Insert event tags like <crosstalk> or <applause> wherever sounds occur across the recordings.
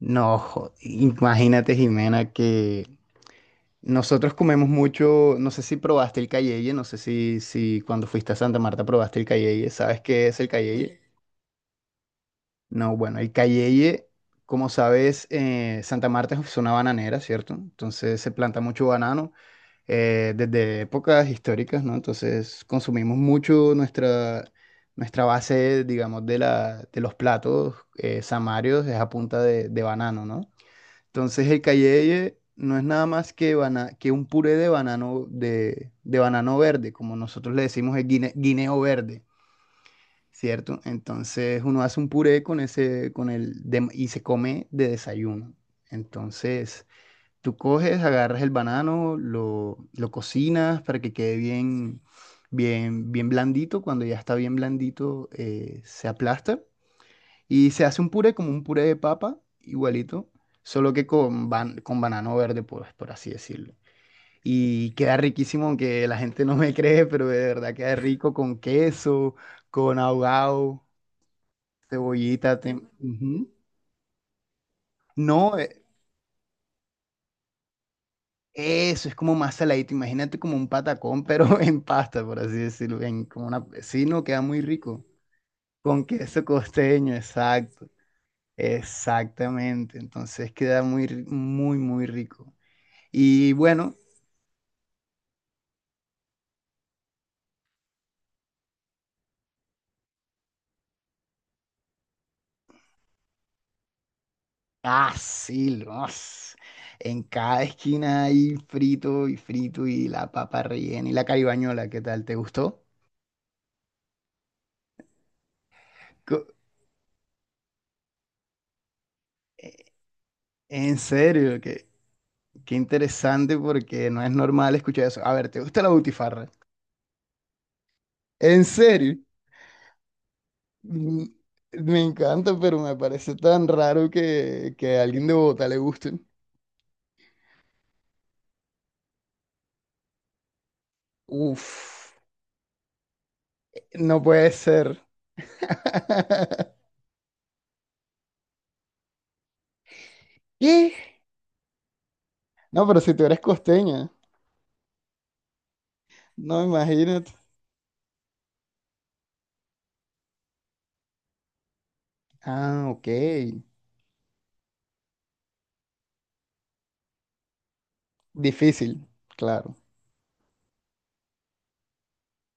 No, jo- imagínate, Jimena, que nosotros comemos mucho. No sé si probaste el cayeye, no sé si cuando fuiste a Santa Marta probaste el cayeye, ¿sabes qué es el cayeye? No, bueno, el cayeye, como sabes, Santa Marta es una bananera, ¿cierto? Entonces se planta mucho banano desde épocas históricas, ¿no? Entonces consumimos mucho nuestra base, digamos, de de los platos samarios, es a punta de banano, ¿no? Entonces el cayeye no es nada más que, que un puré de banano, de banano verde, como nosotros le decimos el guineo verde, ¿cierto? Entonces uno hace un puré con ese, con el y se come de desayuno. Entonces tú coges, agarras el banano, lo cocinas para que quede bien, bien blandito. Cuando ya está bien blandito, se aplasta y se hace un puré como un puré de papa, igualito, solo que con, con banano verde, pues, por así decirlo. Y queda riquísimo, aunque la gente no me cree, pero de verdad queda rico con queso, con ahogado, cebollita. Ujú. No, eso es como más saladito. Imagínate como un patacón, pero <laughs> en pasta, por así decirlo. En, como una... Sí, no, queda muy rico. Con queso costeño, exacto. Exactamente. Entonces queda muy, muy, muy rico. Y bueno, ah, sí, los. En cada esquina hay frito y frito y la papa rellena y la caibañola, ¿qué tal? ¿Te gustó? Co- En serio, qué, qué interesante porque no es normal escuchar eso. A ver, ¿te gusta la butifarra? En serio. Mm, me encanta, pero me parece tan raro que a alguien de Bogotá le guste. Uf, no puede ser. <laughs> ¿Qué? No, pero si tú eres costeña, no imagínate. Ah, ok. Difícil, claro.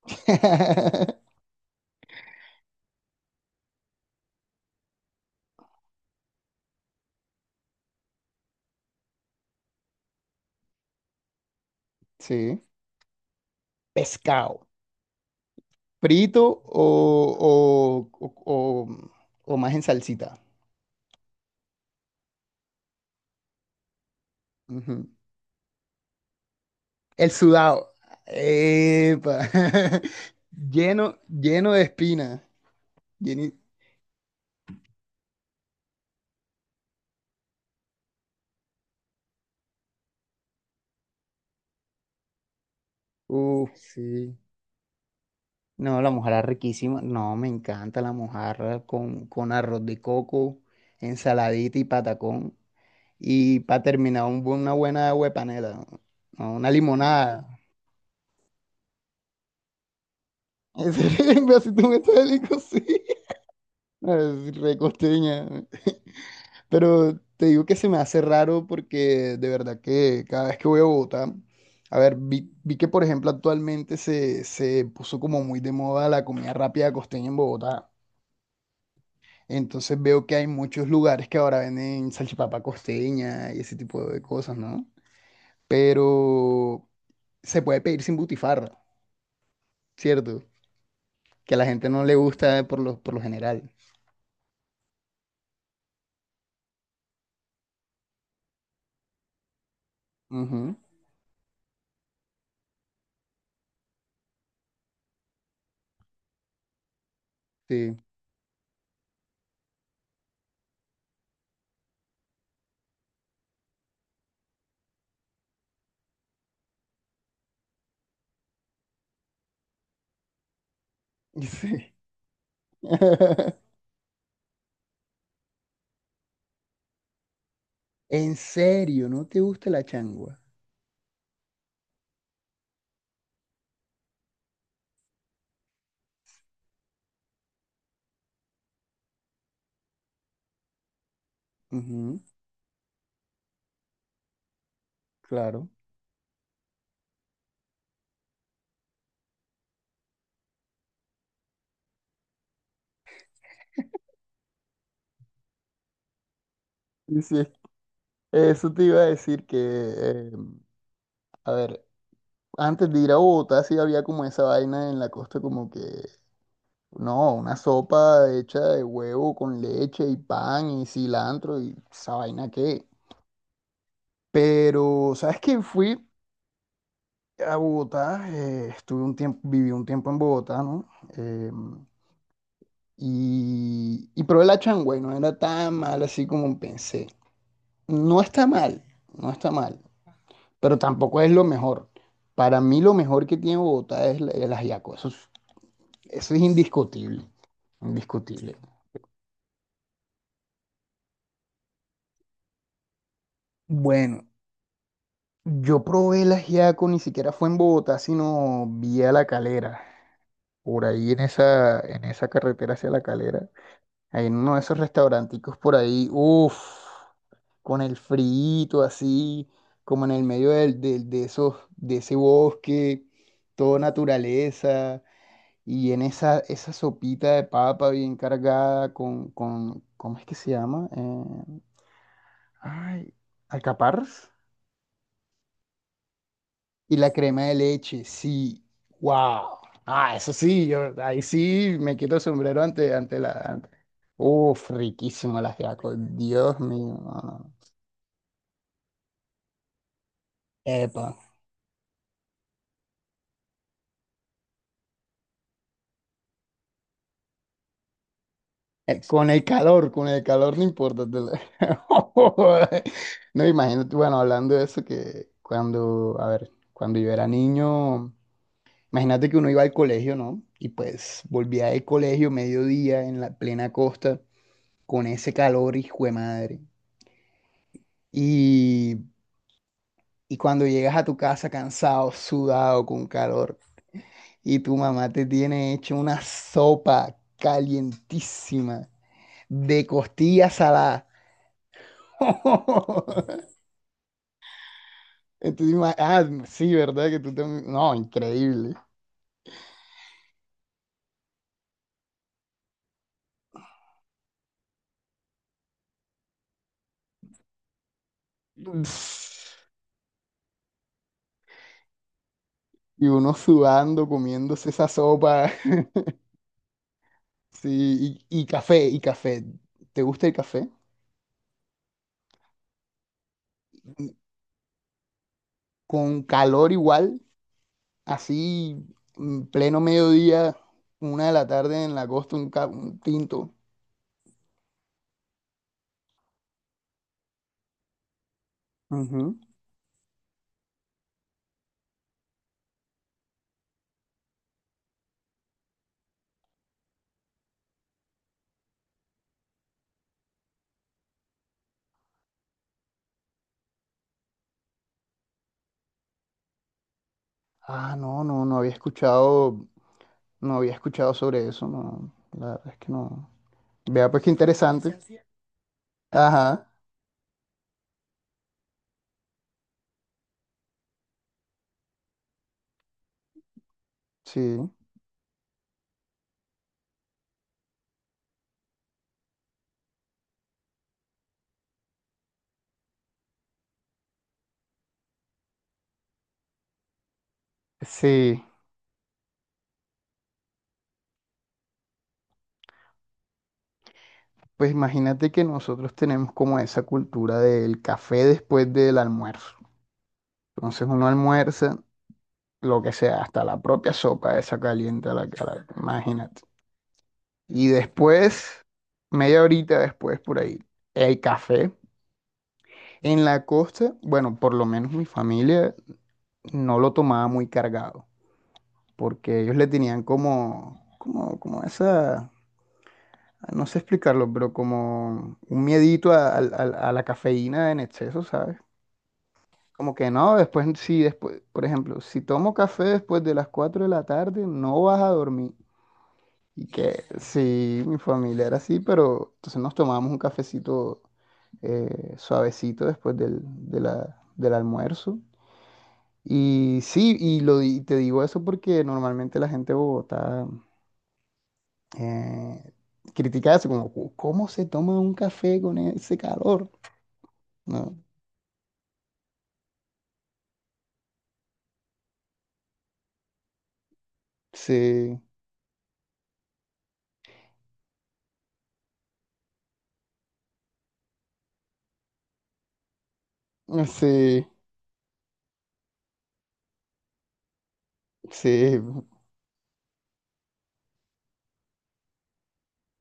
<laughs> Sí. Pescado. Frito o más en salsita. Ujú. El sudado. Epa. <laughs> Lleno, lleno de espina. Lleni- Uf, sí. No, la mojarra riquísima. No, me encanta la mojarra con arroz de coco, ensaladita y patacón. Y para terminar, un una buena agua de panela, ¿no? No, una limonada. En serio, <laughs> así tú me estás delico, sí. <laughs> No, es re costeña. <laughs> Pero te digo que se me hace raro porque de verdad que cada vez que voy a Bogotá, a ver, vi que por ejemplo actualmente se puso como muy de moda la comida rápida costeña en Bogotá. Entonces veo que hay muchos lugares que ahora venden salchipapa costeña y ese tipo de cosas, ¿no? Pero se puede pedir sin butifarra. Cierto, que a la gente no le gusta por lo general. Ujú, sí, <laughs> sí. <laughs> En serio, ¿no te gusta la changua? Ujú, claro. Y sí, eso te iba a decir que, a ver, antes de ir a Bogotá sí había como esa vaina en la costa como que, no, una sopa hecha de huevo con leche y pan y cilantro y esa vaina qué. Pero, ¿sabes qué? Fui a Bogotá, estuve un tiempo, viví un tiempo en Bogotá, ¿no? Eh, y y probé la changua y no era tan mal así como pensé. No está mal, no está mal, pero tampoco es lo mejor. Para mí lo mejor que tiene Bogotá es el ajiaco, eso es indiscutible, indiscutible. Bueno, yo probé el ajiaco, ni siquiera fue en Bogotá, sino vía La Calera, por ahí en esa carretera hacia La Calera. Hay uno de esos restauranticos por ahí, uff, con el frito así, como en el medio de esos, de ese bosque, todo naturaleza, y en esa sopita de papa bien cargada con, ¿cómo es que se llama? Ay, alcaparras. Y la crema de leche, sí, wow. Ah, eso sí, yo ahí sí me quito el sombrero ante, ante la... ante- Uf, riquísimo las ajiaco, Dios mío. No, no, no. Epa. Con el calor no importa. Te la- <laughs> No, imagínate, bueno, hablando de eso, que cuando, a ver, cuando yo era niño, imagínate que uno iba al colegio, ¿no? Y pues volvía del colegio mediodía en la plena costa con ese calor, hijo de madre. Y, y cuando llegas a tu casa cansado, sudado, con calor, y tu mamá te tiene hecho una sopa calientísima de costillas saladas <laughs> Entonces, ima- ah, sí, ¿verdad? Que tú también. No, increíble. Y uno sudando, comiéndose esa sopa. <laughs> Sí, y café, y café. ¿Te gusta el café? Con calor igual, así, en pleno mediodía, una de la tarde en la costa, un, un tinto. Ujú. Ah, no, no, no había escuchado, no había escuchado sobre eso, no. La verdad es que no. Vea, pues qué interesante. Ajá, sí. Sí, pues imagínate que nosotros tenemos como esa cultura del café después del almuerzo. Entonces uno almuerza lo que sea, hasta la propia sopa esa caliente a la cara, imagínate. Y después, media horita después por ahí, el café. En la costa, bueno, por lo menos mi familia no lo tomaba muy cargado, porque ellos le tenían como, como, como esa... No sé explicarlo, pero como un miedito a, a la cafeína en exceso, ¿sabes? Como que no, después, si después, por ejemplo, si tomo café después de las 4 de la tarde, no vas a dormir. Y que sí, mi familia era así, pero entonces nos tomábamos un cafecito suavecito después del, de del almuerzo. Y sí, di- te digo eso porque normalmente la gente de Bogotá eh, critica eso, como, "Cu- ¿cómo se toma un café con ese calor? ¿No? Sí, sí, sí.